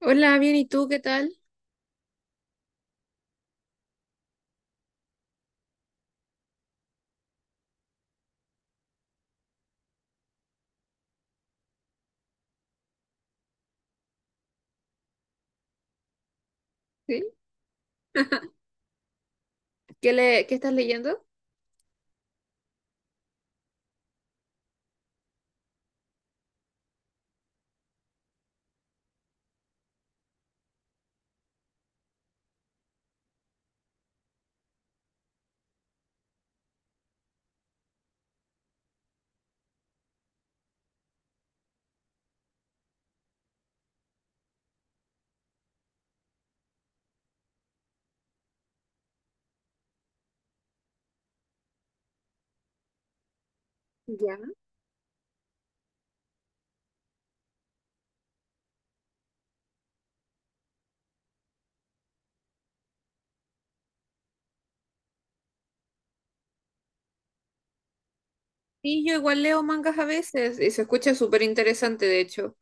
Hola, bien, ¿y tú qué tal? ¿Sí? ¿Qué estás leyendo? Ya. Sí, yo igual leo mangas a veces y se escucha súper interesante, de hecho.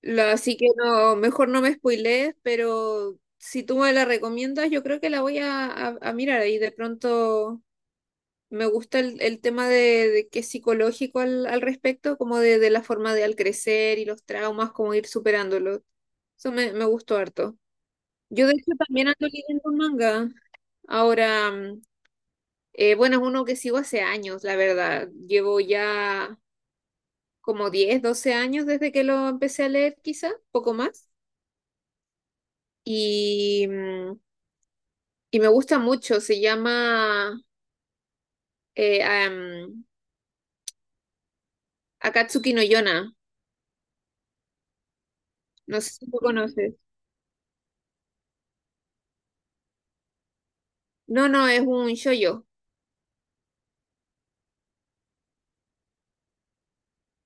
Así que no, mejor no me spoilees, pero si tú me la recomiendas, yo creo que la voy a mirar ahí. De pronto me gusta el tema de que es psicológico al respecto, como de la forma de al crecer y los traumas, como ir superándolos. Eso me gustó harto. Yo de hecho también ando leyendo un manga ahora. Bueno, es uno que sigo hace años, la verdad. Llevo ya como 10 12 años desde que lo empecé a leer, quizá, poco más. Y, mm, y me gusta mucho. Se llama eh, am, Akatsuki no Yona. No sé si lo conoces. No, no, es un shoujo.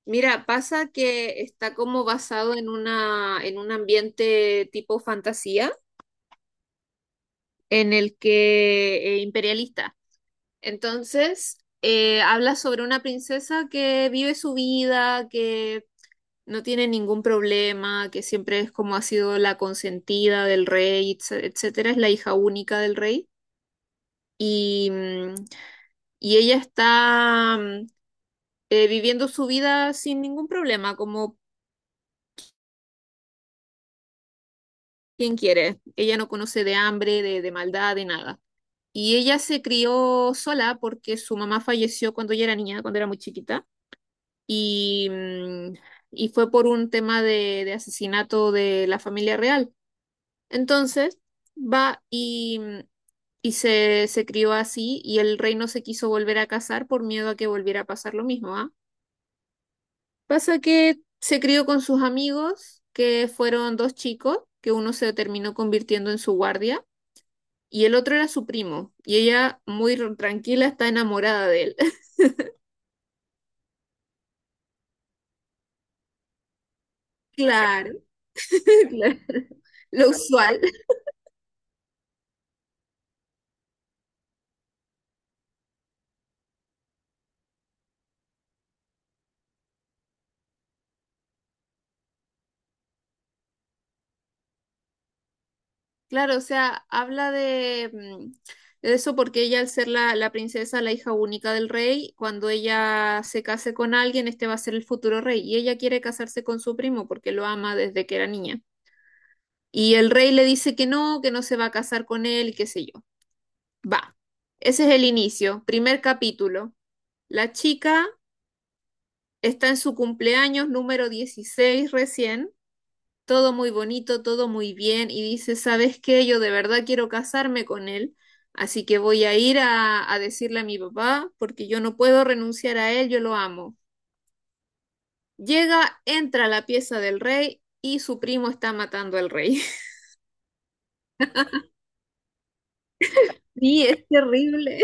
Mira, pasa que está como basado en un ambiente tipo fantasía, en el que imperialista. Entonces, habla sobre una princesa que vive su vida, que no tiene ningún problema, que siempre es como ha sido la consentida del rey, etcétera, es la hija única del rey. Y, mm, y ella está viviendo su vida sin ningún problema, como quien quiere. Ella no conoce de hambre, de, maldad, de nada. Y ella se crió sola porque su mamá falleció cuando ella era niña, cuando era muy chiquita. y, mm, y fue por un tema de asesinato de la familia real. Entonces, va y, mm, se crió así y el rey no se quiso volver a casar por miedo a que volviera a pasar lo mismo, ¿ah? Pasa que se crió con sus amigos, que fueron dos chicos, que uno se terminó convirtiendo en su guardia. Y el otro era su primo, y ella muy tranquila está enamorada de él. Claro, claro, lo usual. Claro, o sea, habla de eso porque ella al ser la princesa, la hija única del rey, cuando ella se case con alguien, este va a ser el futuro rey y ella quiere casarse con su primo porque lo ama desde que era niña. Y el rey le dice que no se va a casar con él y qué sé yo. Va. Ese es el inicio, primer capítulo. La chica está en su cumpleaños número 16 recién, todo muy bonito, todo muy bien, y dice, ¿sabes qué? Yo de verdad quiero casarme con él, así que voy a ir a decirle a mi papá, porque yo no puedo renunciar a él, yo lo amo. Llega, entra a la pieza del rey y su primo está matando al rey. Sí, es terrible.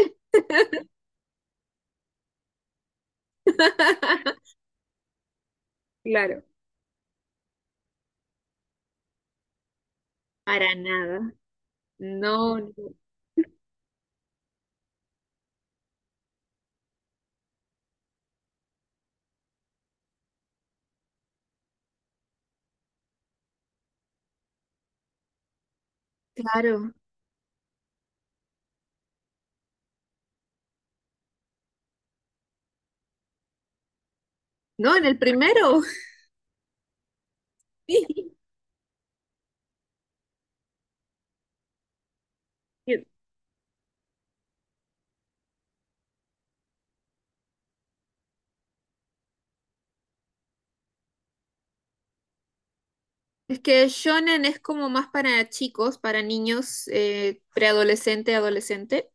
Claro, para nada. No, no, claro. No, en el primero. Sí. Es que shonen es como más para chicos, para niños, preadolescente, adolescente.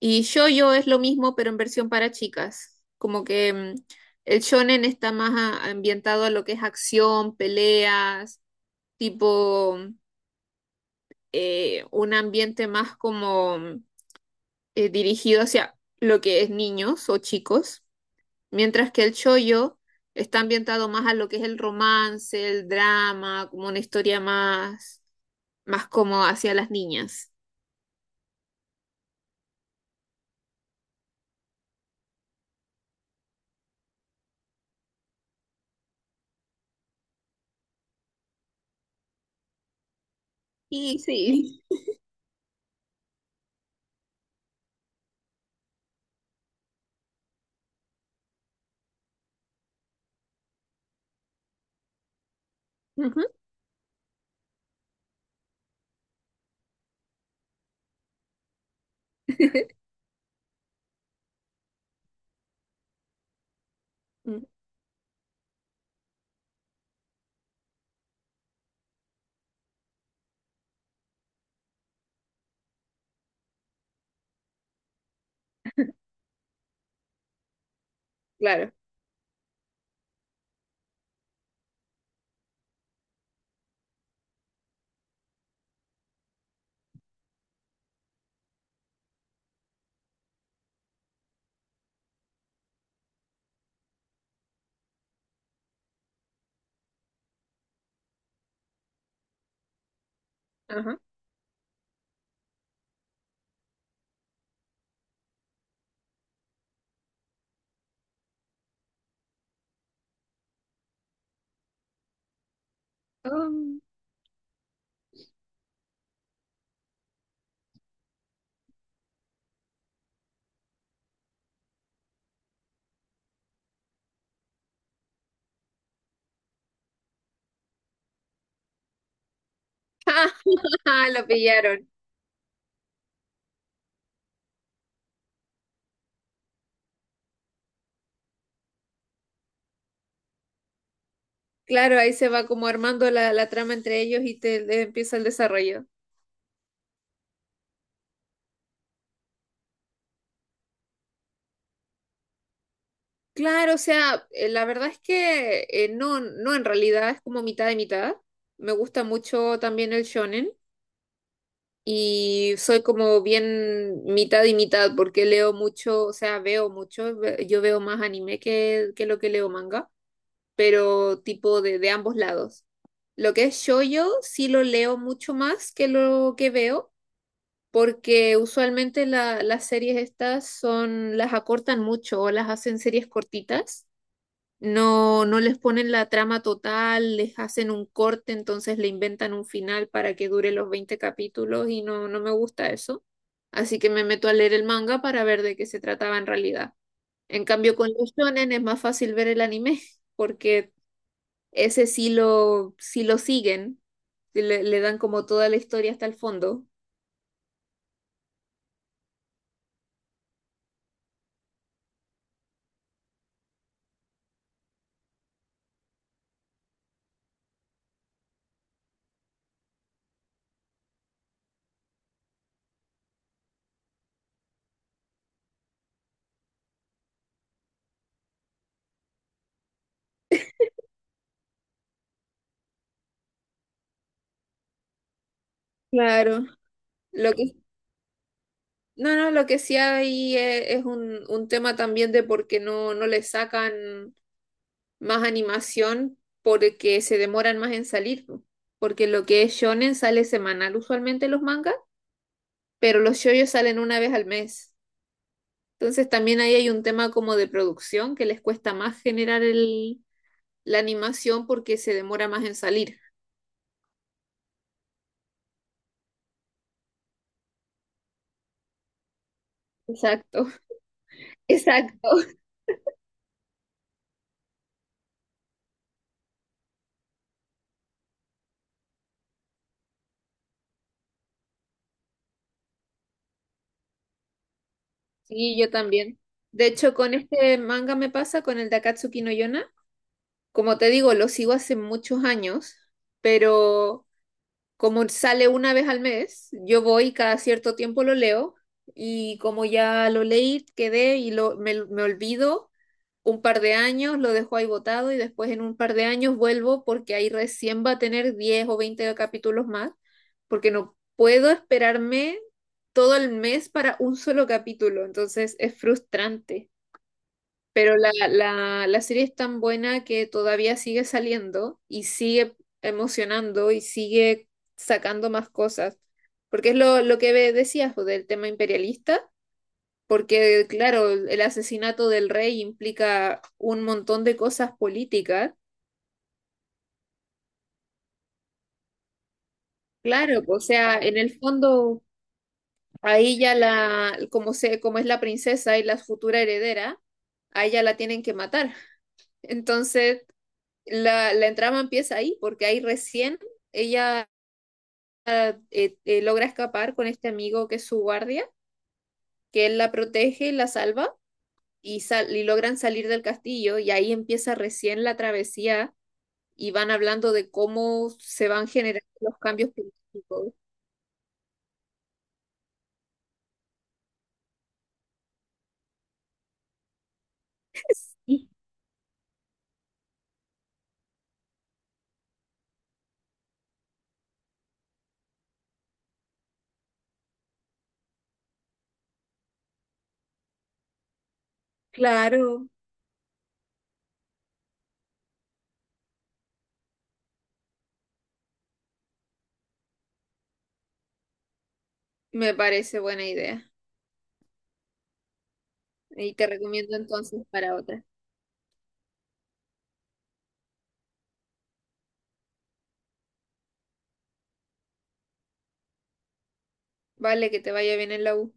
Y shoujo es lo mismo, pero en versión para chicas. Como que el shonen está más ambientado a lo que es acción, peleas, tipo un ambiente más como dirigido hacia lo que es niños o chicos, mientras que el shoujo está ambientado más a lo que es el romance, el drama, como una historia más como hacia las niñas. Y sí. Ujú. Claro. Ajá. Um, Lo pillaron. Claro, ahí se va como armando la trama entre ellos y te empieza el desarrollo. Claro, o sea, la verdad es que no, no en realidad, es como mitad de mitad. Me gusta mucho también el shonen y soy como bien mitad y mitad porque leo mucho, o sea, veo mucho, yo veo más anime que lo que leo manga, pero tipo de ambos lados. Lo que es shoujo sí lo leo mucho más que lo que veo porque usualmente las series estas son, las acortan mucho o las hacen series cortitas. No, no les ponen la trama total, les hacen un corte, entonces le inventan un final para que dure los 20 capítulos y no, no me gusta eso. Así que me meto a leer el manga para ver de qué se trataba en realidad. En cambio, con los shonen es más fácil ver el anime, porque ese sí lo siguen, le dan como toda la historia hasta el fondo. Claro. Lo que No, no, lo que sí hay es un tema también de por qué no, no le sacan más animación porque se demoran más en salir. Po. Porque lo que es shonen sale semanal usualmente los mangas, pero los shoyos salen una vez al mes. Entonces también ahí hay un tema como de producción que les cuesta más generar la animación porque se demora más en salir. Exacto, exacto. Sí, yo también. De hecho, con este manga me pasa, con el de Akatsuki no Yona. Como te digo, lo sigo hace muchos años, pero como sale una vez al mes, yo voy y cada cierto tiempo lo leo y como ya lo leí, quedé y me olvido un par de años, lo dejo ahí botado y después en un par de años vuelvo porque ahí recién va a tener 10 o 20 capítulos más, porque no puedo esperarme todo el mes para un solo capítulo, entonces es frustrante. Pero la serie es tan buena que todavía sigue saliendo y sigue emocionando y sigue sacando más cosas. Porque es lo que decías pues, del tema imperialista, porque claro, el asesinato del rey implica un montón de cosas políticas. Claro, o sea, en el fondo, ahí ya como es la princesa y la futura heredera, a ella la tienen que matar. Entonces, la trama empieza ahí, porque ahí recién ella logra escapar con este amigo que es su guardia, que él la protege y la salva, y logran salir del castillo, y ahí empieza recién la travesía, y van hablando de cómo se van generando los cambios políticos. Sí, claro, me parece buena idea, y te recomiendo entonces para otra. Vale, que te vaya bien en la U.